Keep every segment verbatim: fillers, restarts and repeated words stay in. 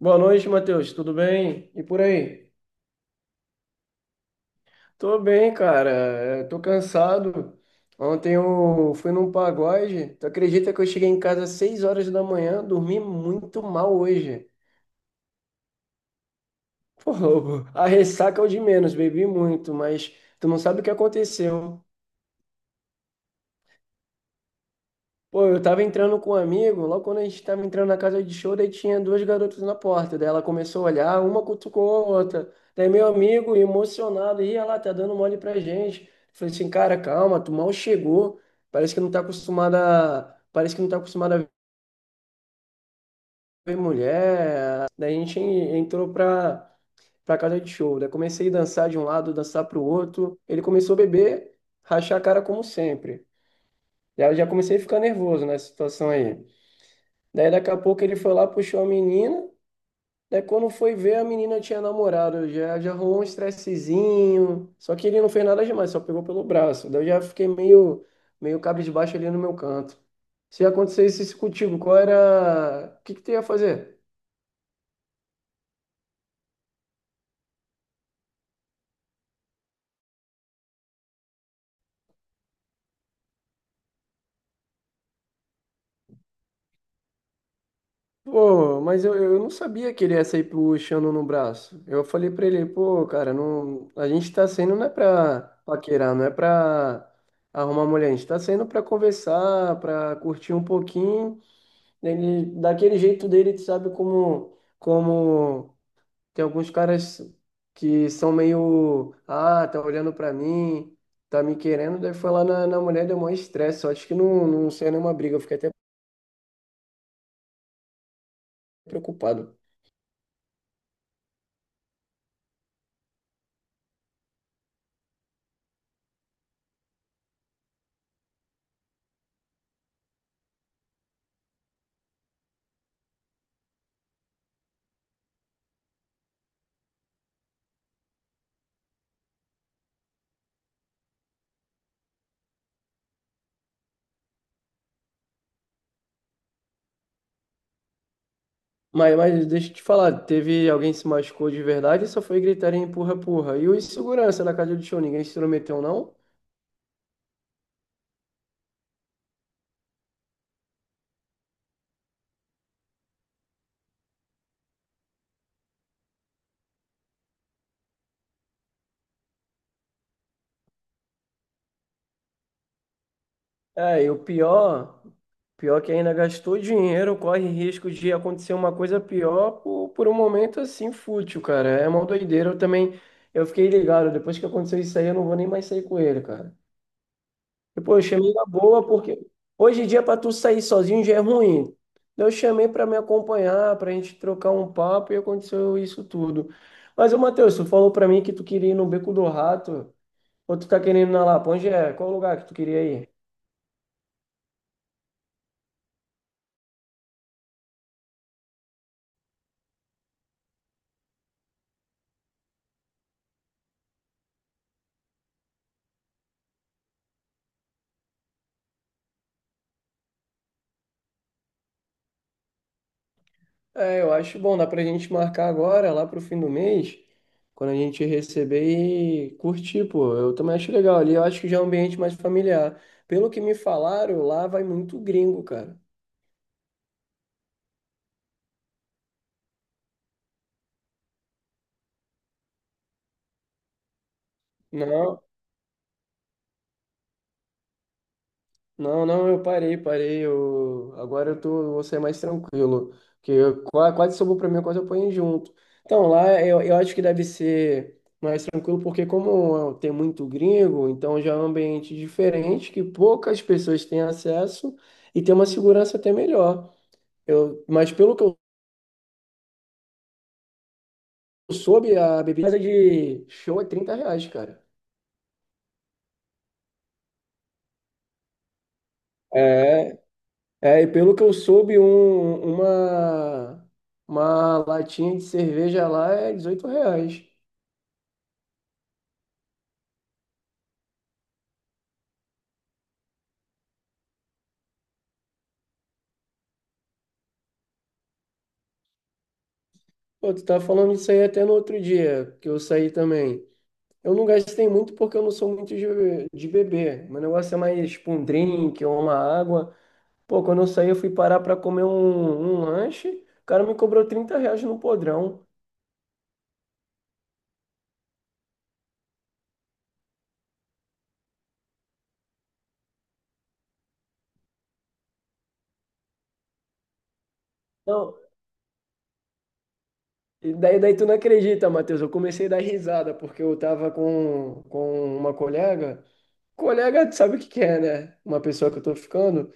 Boa noite, Matheus. Tudo bem? E por aí? Tô bem, cara. É, tô cansado. Ontem eu fui num pagode. Tu acredita que eu cheguei em casa às seis horas da manhã? Dormi muito mal hoje. Pô, a ressaca é o de menos, bebi muito, mas tu não sabe o que aconteceu. Pô, eu tava entrando com um amigo, logo quando a gente tava entrando na casa de show, daí tinha duas garotas na porta. Daí ela começou a olhar, uma cutucou a outra. Daí meu amigo, emocionado, ia lá, tá dando mole pra gente. Falei assim, cara, calma, tu mal chegou. Parece que não tá acostumada, a- parece que não tá acostumada a ver mulher. Daí a gente entrou pra, pra casa de show. Daí comecei a dançar de um lado, dançar pro outro. Ele começou a beber, rachar a cara como sempre. Daí eu já comecei a ficar nervoso nessa situação aí. Daí daqui a pouco ele foi lá, puxou a menina. Daí quando foi ver, a menina tinha namorado. Já, já arrumou um estressezinho. Só que ele não fez nada demais, só pegou pelo braço. Daí eu já fiquei meio, meio cabisbaixo ali no meu canto. Se acontecesse isso contigo, qual era. O que que tu ia fazer? Pô, mas eu, eu não sabia que ele ia sair puxando no braço. Eu falei pra ele, pô, cara, não, a gente tá saindo não é pra paquerar, não é pra arrumar mulher. A gente tá saindo pra conversar, pra curtir um pouquinho. Ele, daquele jeito dele, tu sabe como, como tem alguns caras que são meio, ah, tá olhando pra mim, tá me querendo, daí foi lá na, na mulher, deu maior estresse, só acho que não, não saiu nenhuma briga, eu fiquei até preocupado. Mas, mas deixa eu te falar, teve alguém que se machucou de verdade, só foi gritar em empurra, empurra. E o segurança da casa do show, ninguém se intrometeu, não? É, e o pior, pior que ainda gastou dinheiro, corre risco de acontecer uma coisa pior por, por um momento assim fútil, cara. É uma doideira. Eu também, eu fiquei ligado, depois que aconteceu isso aí, eu não vou nem mais sair com ele, cara. E, pô, eu chamei na boa, porque hoje em dia pra tu sair sozinho já é ruim. Então, Eu chamei pra me acompanhar, pra gente trocar um papo e aconteceu isso tudo. Mas, ô, Matheus, tu falou pra mim que tu queria ir no Beco do Rato, ou tu tá querendo ir na Lapa? Onde é? Qual o lugar que tu queria ir? É, eu acho bom, dá pra gente marcar agora, lá pro fim do mês, quando a gente receber e curtir, pô. Eu também acho legal ali, eu acho que já é um ambiente mais familiar. Pelo que me falaram, lá vai muito gringo, cara. Não. Não, não, eu parei, parei. Eu, agora eu tô, vou ser mais tranquilo. Porque eu qua- quase sobrou pra mim, eu quase apanhei junto. Então, lá eu, eu acho que deve ser mais tranquilo, porque como tem muito gringo, então já é um ambiente diferente, que poucas pessoas têm acesso e tem uma segurança até melhor. Eu, mas pelo que eu soube, a bebida de show é trinta reais, cara. É. É, e pelo que eu soube, um- uma, uma latinha de cerveja lá é dezoito reais. Pô, tu tá falando isso aí até no outro dia, que eu saí também. Eu não gastei muito porque eu não sou muito de, de beber. Meu negócio é mais tipo um drink ou uma água. Pô, quando eu saí, eu fui parar pra comer um, um lanche. O cara me cobrou trinta reais no podrão. Não, e daí, daí tu não acredita, Matheus. Eu comecei a dar risada porque eu tava com, com uma colega. Colega, sabe o que que é, né? Uma pessoa que eu tô ficando.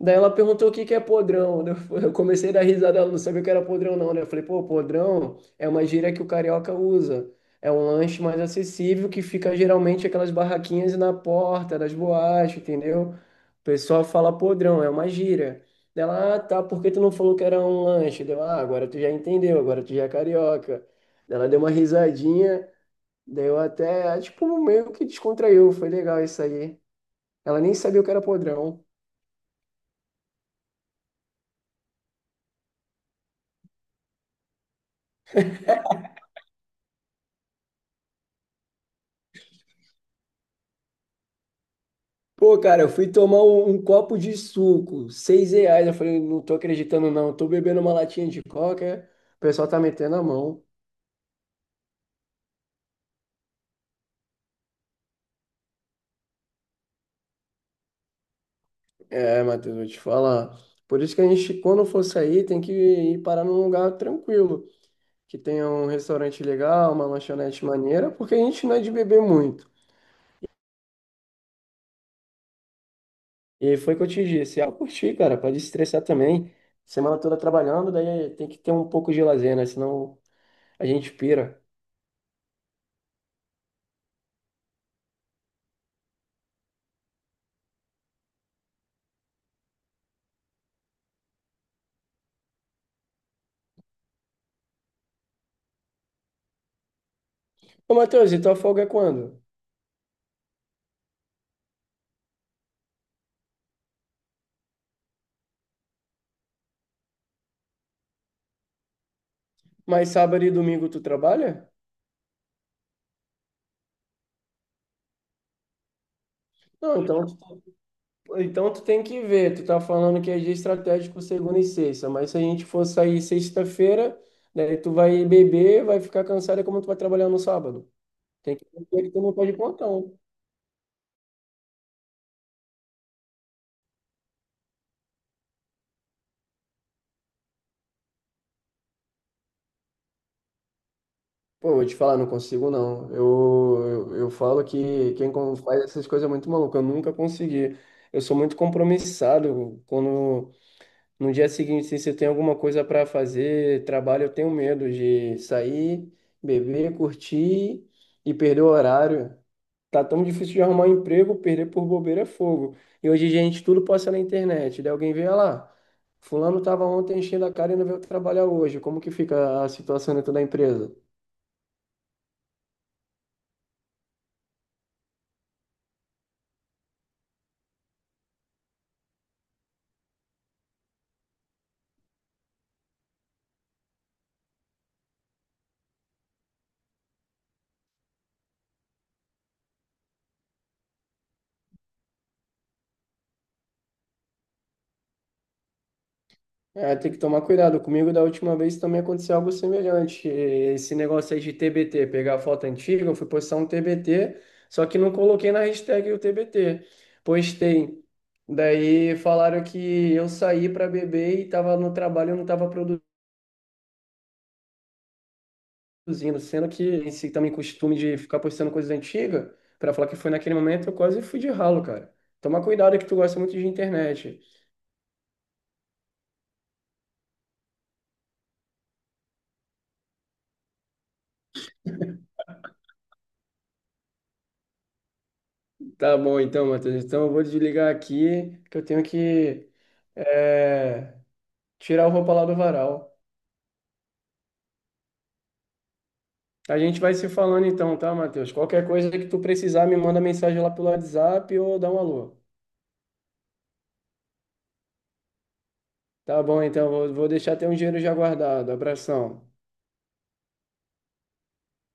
Daí ela perguntou o que que é podrão. Né? Eu comecei a dar risada, ela não sabia o que era podrão, não, né? Eu falei, pô, podrão é uma gíria que o carioca usa. É um lanche mais acessível que fica geralmente aquelas barraquinhas na porta das boates, entendeu? O pessoal fala podrão, é uma gíria. Daí ela, ah, tá, por que tu não falou que era um lanche? Deu, ah, agora tu já entendeu, agora tu já é carioca. Daí ela deu uma risadinha, daí eu até, tipo, meio que descontraiu, foi legal isso aí. Ela nem sabia o que era podrão. Pô, cara, eu fui tomar um, um copo de suco, seis reais. Eu falei, não tô acreditando, não. Eu tô bebendo uma latinha de coca, o pessoal tá metendo a mão. É, Matheus, vou te falar. Por isso que a gente, quando for sair, tem que ir parar num lugar tranquilo, que tenha um restaurante legal, uma lanchonete maneira, porque a gente não é de beber muito. E foi o que eu te disse. Ah, curti, cara, pode estressar também. Semana toda trabalhando, daí tem que ter um pouco de lazer, né? Senão a gente pira. Ô, Matheus, e tua folga é quando? Mas sábado e domingo tu trabalha? Não, então, então tu tem que ver. Tu tá falando que é dia estratégico segunda e sexta, mas se a gente for sair sexta-feira, daí tu vai beber, vai ficar cansado, é como tu vai trabalhar no sábado. Tem que ver que tu não pode contar. Né? Pô, vou te falar, não consigo não. Eu, eu, eu falo que quem con- faz essas coisas é muito maluco. Eu nunca consegui. Eu sou muito compromissado quando, no dia seguinte, assim, se você tem alguma coisa para fazer, trabalho, eu tenho medo de sair, beber, curtir e perder o horário. Tá tão difícil de arrumar um emprego, perder por bobeira é fogo. E hoje, gente, tudo passa na internet. Daí alguém vê, "Ah lá. Fulano estava ontem enchendo a cara e não veio trabalhar hoje." Como que fica a situação dentro da empresa? É, tem que tomar cuidado. Comigo, da última vez, também aconteceu algo semelhante. Esse negócio aí de T B T, pegar a foto antiga, eu fui postar um T B T, só que não coloquei na hashtag o T B T. Postei. Daí falaram que eu saí para beber e estava no trabalho e não estava produzindo, sendo que esse também costume de ficar postando coisas antigas, para falar que foi naquele momento, eu quase fui de ralo, cara. Toma cuidado que tu gosta muito de internet. Tá bom então, Matheus. Então eu vou desligar aqui que eu tenho que é, tirar a roupa lá do varal. A gente vai se falando então, tá, Matheus? Qualquer coisa que tu precisar, me manda mensagem lá pelo WhatsApp ou dá um alô. Tá bom, então, vou, vou deixar teu dinheiro já guardado. Abração.